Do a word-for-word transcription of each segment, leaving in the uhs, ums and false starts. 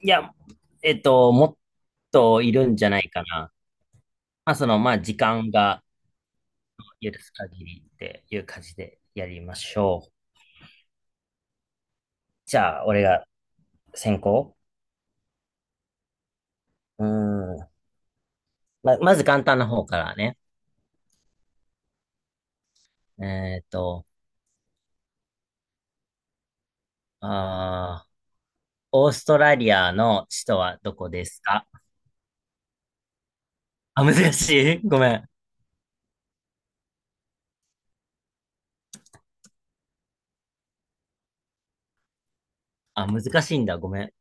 いや、えっと、もっといるんじゃないかな。まあ、その、まあ、時間が許す限りっていう感じでやりましょう。じゃあ、俺が先行。うーん。ま、まず簡単な方からね。えっと、あー、オーストラリアの首都はどこですか？あ、難しい ごめん。あ、難しいんだ。ごめん。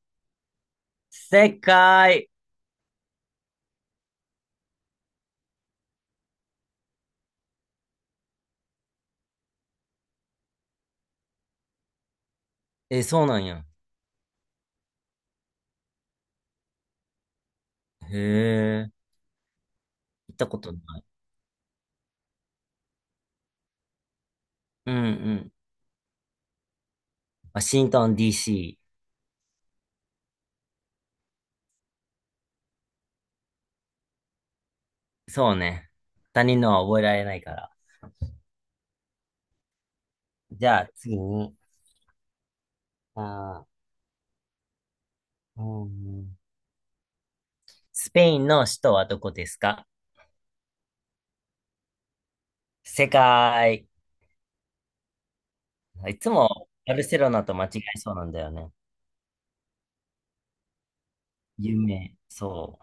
正解。え、そうなんや。へえ、行ったことない。うんうん。ワシントン ディーシー。そうね。他人のは覚えられないから。じゃあ次に、あー、うん、スペインの首都はどこですか？世界。いつもバルセロナと間違えそうなんだよね。有名。そ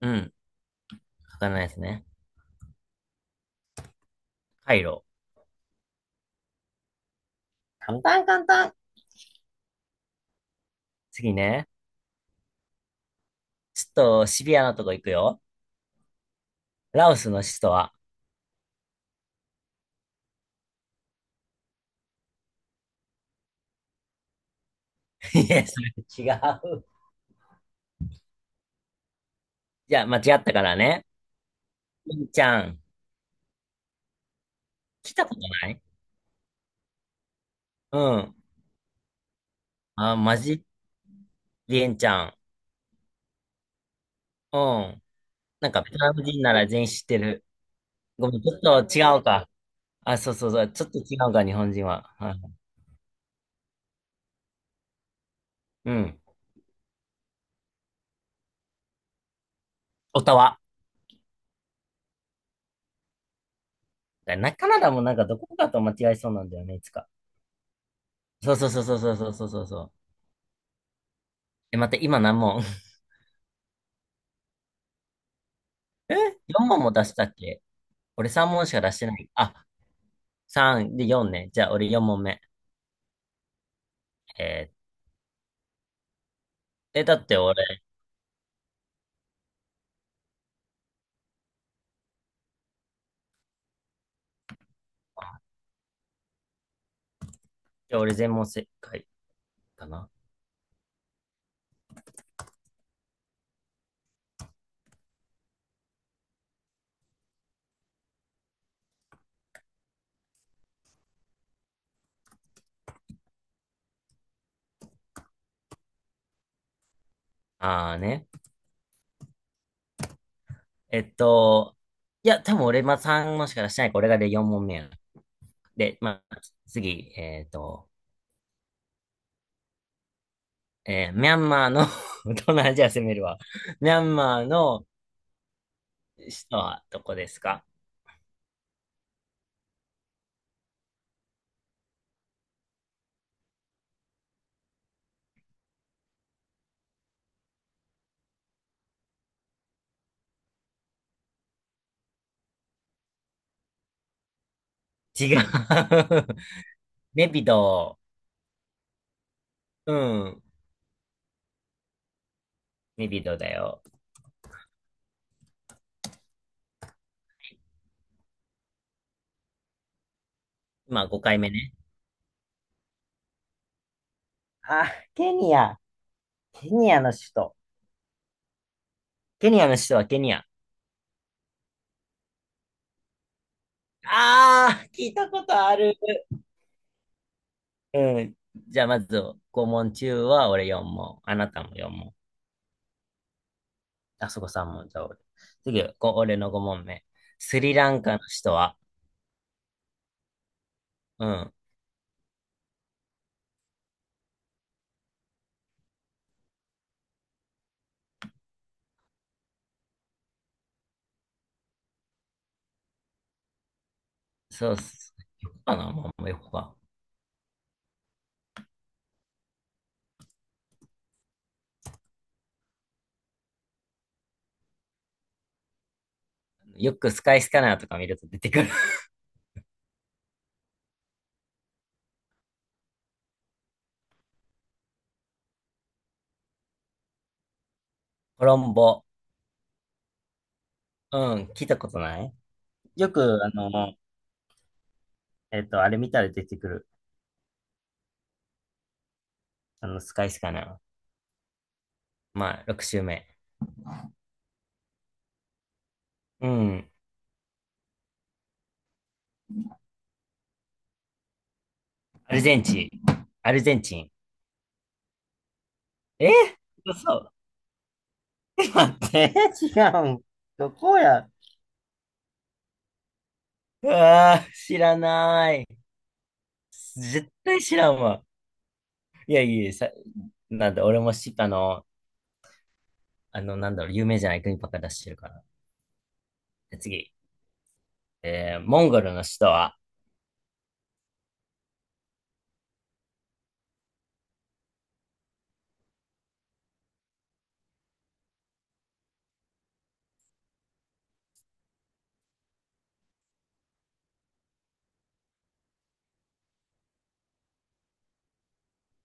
う。うん。わかんないですね。カイロ。簡単簡単。次ね。ちょっとシビアなとこ行くよ。ラオスの首都は？ いや、それ違う。じゃあ間違ったからね。リンちゃん。来たことない。うん。あ、マジ。リンちゃん。うん。なんか、ベトナム人なら全員知ってる。ごめん、ちょっと違うか。あ、そうそうそう。ちょっと違うか、日本人は。はい、うん。オタワ。な、カナダもなんかどこかと間違えそうなんだよね、いつか。そうそうそうそうそうそうそうそうそう。え、待って、今何問？ え ?よん 問も出したっけ？俺さん問しか出してない。あ、さんでよんね。じゃあ、俺よん問目。えーえ、だって俺、じゃあ俺全問正解かな。あーね。えっと、いや、多分俺まあさん問しか出してないから、俺がでよん問目や。で、まあ、次、えっと、えーミャンマーの 東南アジア 攻めるわ。ミャンマーの首都はどこですか？違う。ネピドー。うん。ネピドーだよ。まあ、ごかいめね。あ、ケニア。ケニアの首都。ケニアの首都はケニア。あー、聞いたことある。うん。じゃあ、まず、ご問中は俺よん問。あなたもよん問。あそこさん問。じゃあ俺。次、こ俺のご問目。スリランカの首都は？うん。そうっす。かな、まあ、もうよくは。よくスカイスキャナーとか見ると出てくる。コロンボ。うん、聞いたことない。よく、あの、えっと、あれ見たら出てくる。あの、スカイスキャナー。まあ、ろく周目。うん。アルゼンチン。アルゼンチン。え、嘘。待って、違うん。どこや。うわー、知らない。絶対知らんわ。いやいや、さ、なんだ、俺もし、あの、あの、なんだろう、有名じゃない国ばっか出してるから。で次。えーモンゴルの首都は、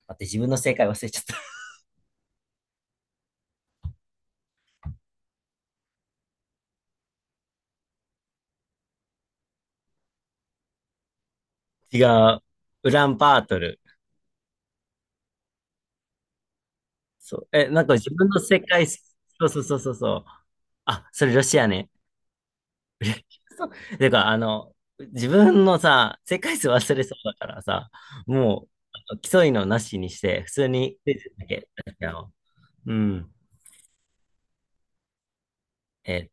待って、自分の正解忘れちゃった。違う。ウランバートル。そう。え、なんか自分の世界、そうそうそうそうそう。あ、それロシアね。そう。てか、あの、自分のさ、世界数忘れそうだからさ、もう、あの競いのなしにして、普通にクイズだけやろう。うん。え、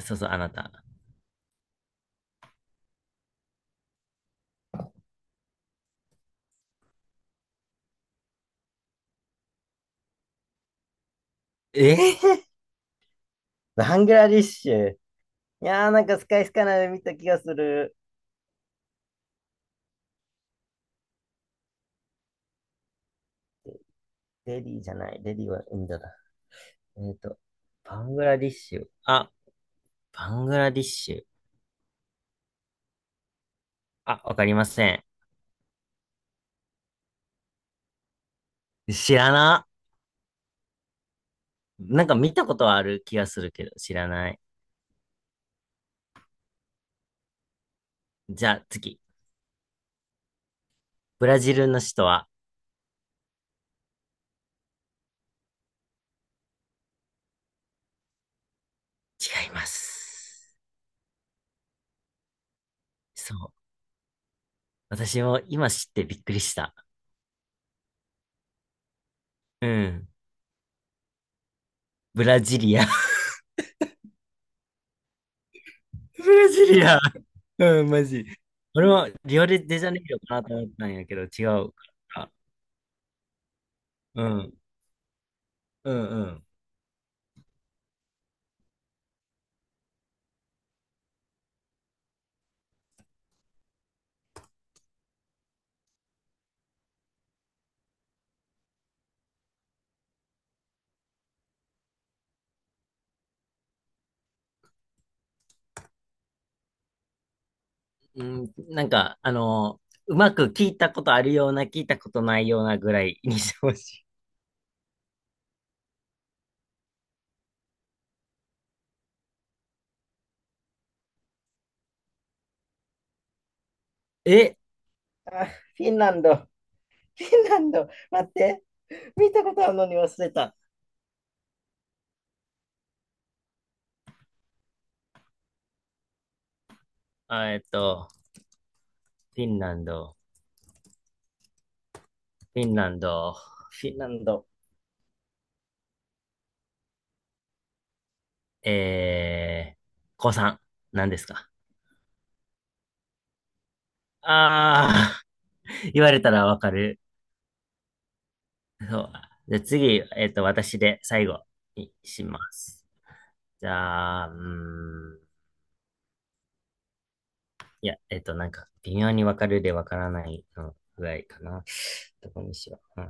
そうそう、あなた。えー、バングラディッシュ。いやー、なんかスカイスカナで見た気がする。デリーじゃない。デリーはインドだ。えっと、バングラディッシュ。あ、バングラディッシュ。あ、わかりません。知らな。なんか見たことはある気がするけど、知らない。じゃあ次。ブラジルの首都は？違います。そう。私も今知ってびっくりした。うん。ブラジリア。ブラジリア。うん、マジ。俺もリオデジャネイロかなと思ったんやけど、違うから。うん。うんうん。うん、なんか、あの、うまく聞いたことあるような、聞いたことないようなぐらいにしてほしい。え、あ、フィンランド。フィンランド。待って。見たことあるのに忘れた。あえっと、フィンランド、フィンランド、フィンランド。えー、子さん、何ですか？あー、言われたらわかる。そう。じゃあ次、えっと、私で最後にします。じゃあ、うーん。いや、えっと、なんか、微妙にわかるでわからないのぐらいかな。どこにしよう。うん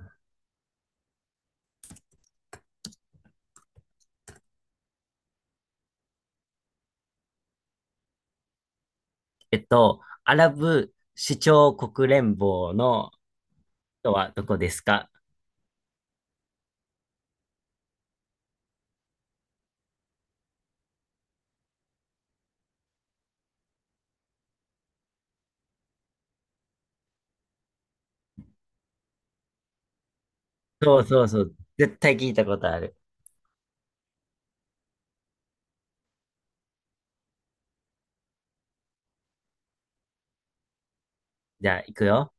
えっと、アラブ首長国連邦の人はどこですか？そうそうそう。絶対聞いたことある。じゃあ、行くよ。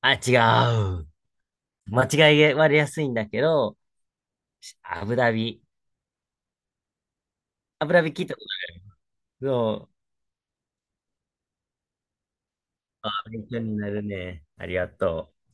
あ、違う。間違い割れやすいんだけど、しアブダビ。アブダビ聞いたことある。そう。あ、勉強になるね。ありがとう。